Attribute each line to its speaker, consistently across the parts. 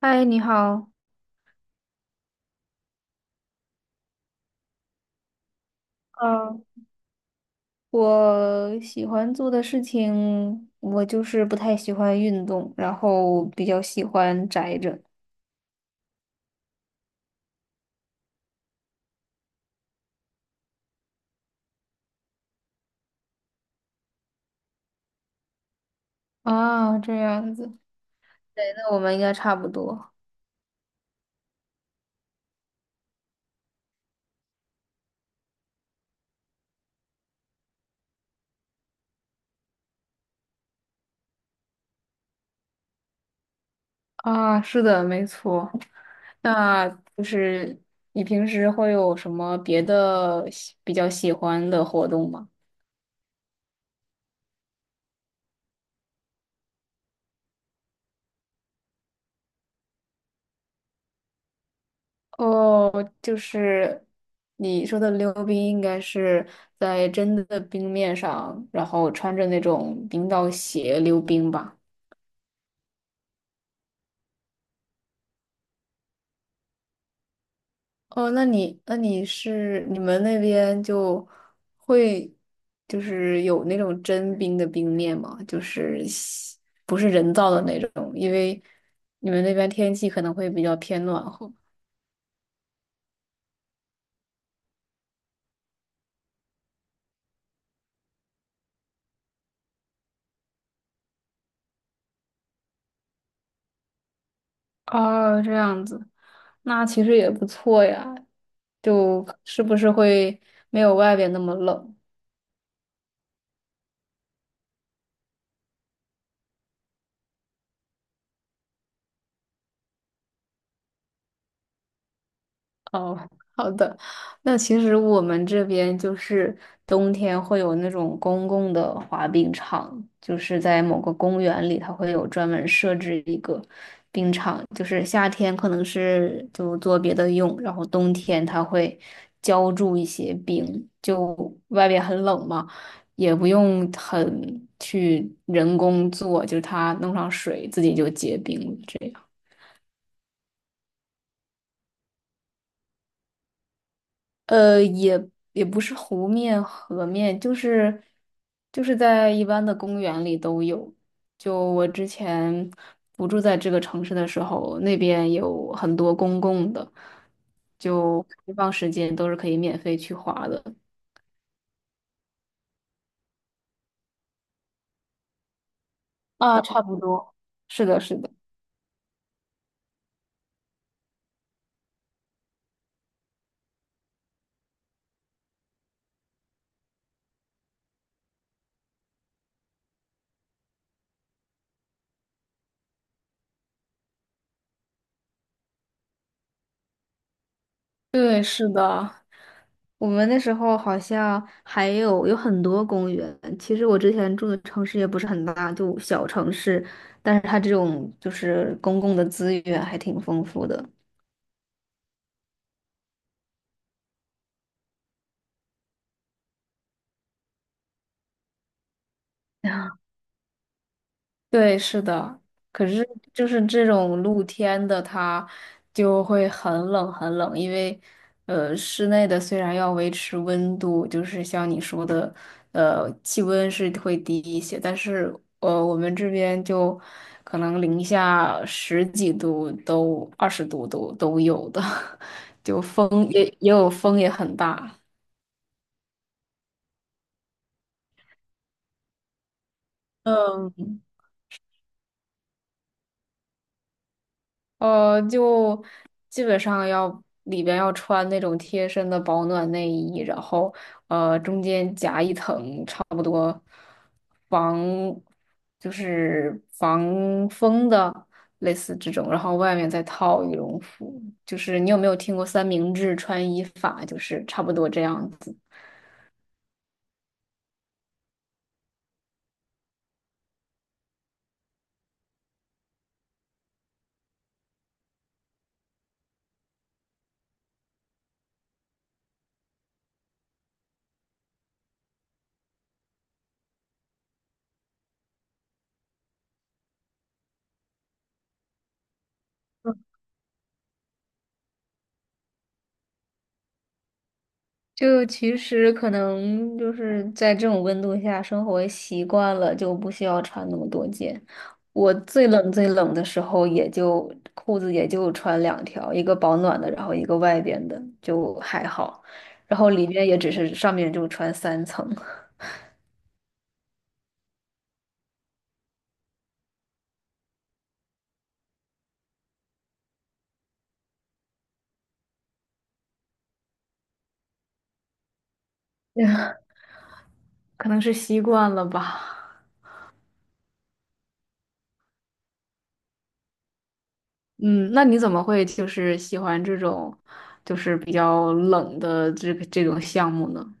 Speaker 1: 嗨，你好。嗯，我喜欢做的事情，我就是不太喜欢运动，然后比较喜欢宅着。啊，这样子对，那我们应该差不多。啊，是的，没错。那就是你平时会有什么别的比较喜欢的活动吗？哦，就是你说的溜冰，应该是在真的冰面上，然后穿着那种冰刀鞋溜冰吧。哦，那你是你们那边就会就是有那种真冰的冰面吗？就是不是人造的那种，因为你们那边天气可能会比较偏暖和。哦，这样子，那其实也不错呀，就是不是会没有外边那么冷？哦，好的。那其实我们这边就是冬天会有那种公共的滑冰场，就是在某个公园里，它会有专门设置一个冰场。就是夏天可能是就做别的用，然后冬天它会浇筑一些冰，就外边很冷嘛，也不用很去人工做，就是它弄上水自己就结冰了这样。呃，也也不是湖面、河面，就是在一般的公园里都有。就我之前不住在这个城市的时候，那边有很多公共的，就开放时间都是可以免费去滑的。啊，差不多。是的，是的，对，是的。我们那时候好像还有很多公园。其实我之前住的城市也不是很大，就小城市，但是它这种就是公共的资源还挺丰富的。对，是的。可是就是这种露天的，它就会很冷很冷，因为室内的虽然要维持温度，就是像你说的，气温是会低一些，但是我们这边就可能零下十几度都二十度都有的，就风也有风也很大。嗯。就基本上要里边要穿那种贴身的保暖内衣，然后中间夹一层差不多防就是防风的类似这种，然后外面再套羽绒服。就是你有没有听过三明治穿衣法？就是差不多这样子。就其实可能就是在这种温度下生活习惯了，就不需要穿那么多件。我最冷最冷的时候，也就裤子也就穿两条，一个保暖的，然后一个外边的，就还好。然后里边也只是上面就穿三层。可能是习惯了吧。嗯，那你怎么会就是喜欢这种，就是比较冷的这种项目呢？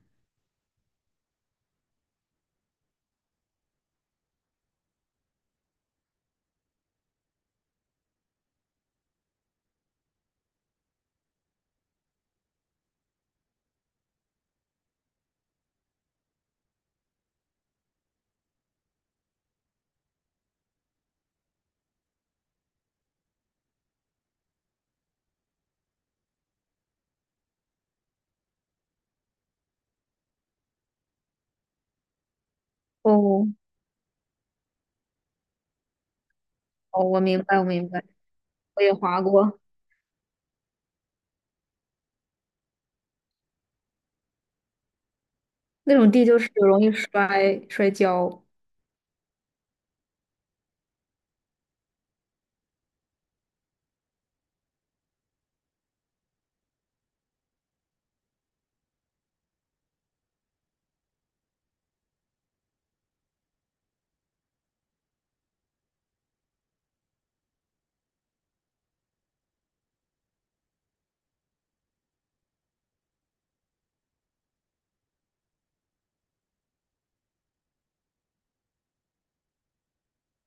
Speaker 1: 哦，哦，我明白，我明白，我也滑过。那种地就是容易摔跤。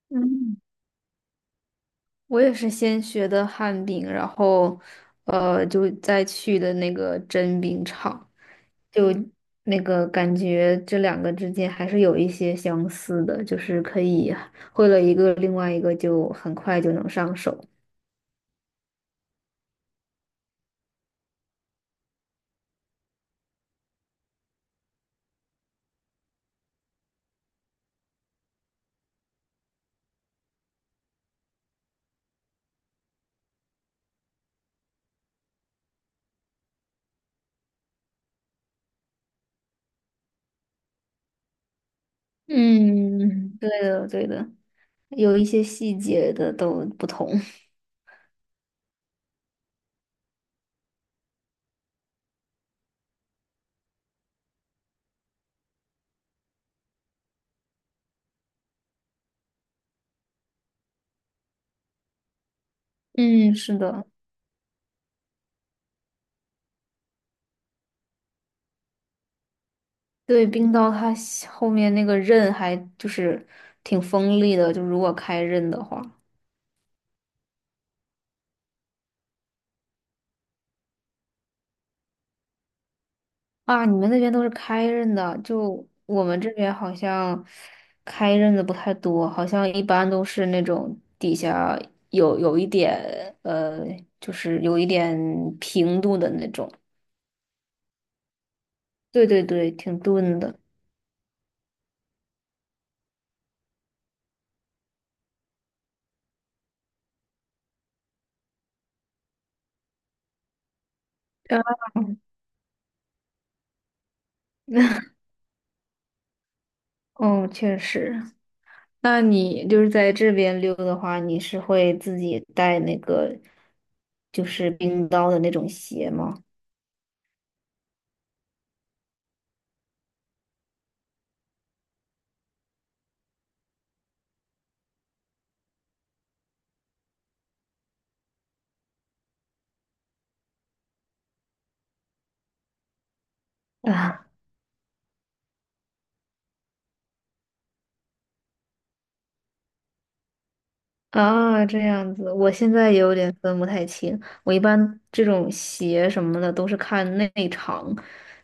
Speaker 1: 嗯，我也是先学的旱冰，然后就再去的那个真冰场，就那个感觉这两个之间还是有一些相似的，就是可以会了一个，另外一个就很快就能上手。嗯，对的，对的，有一些细节的都不同。嗯，是的。对，冰刀它下后面那个刃还就是挺锋利的，就如果开刃的话啊，你们那边都是开刃的，就我们这边好像开刃的不太多，好像一般都是那种底下有一点呃，就是有一点平度的那种。对对对，挺钝的。啊，哦，确实。那你就是在这边溜的话，你是会自己带那个就是冰刀的那种鞋吗？啊啊，这样子，我现在也有点分不太清。我一般这种鞋什么的都是看内长，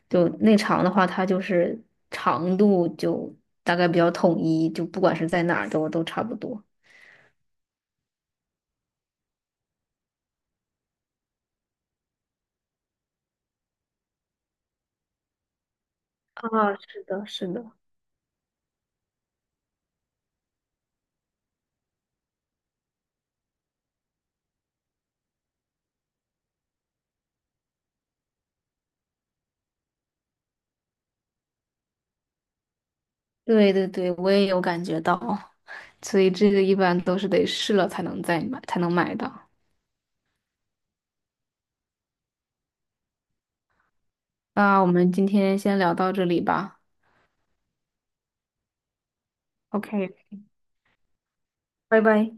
Speaker 1: 就内长的话，它就是长度就大概比较统一，就不管是在哪儿都差不多。啊，是的，是的。对对对，我也有感觉到，所以这个一般都是得试了才能再买，才能买到。那我们今天先聊到这里吧。OK，拜拜。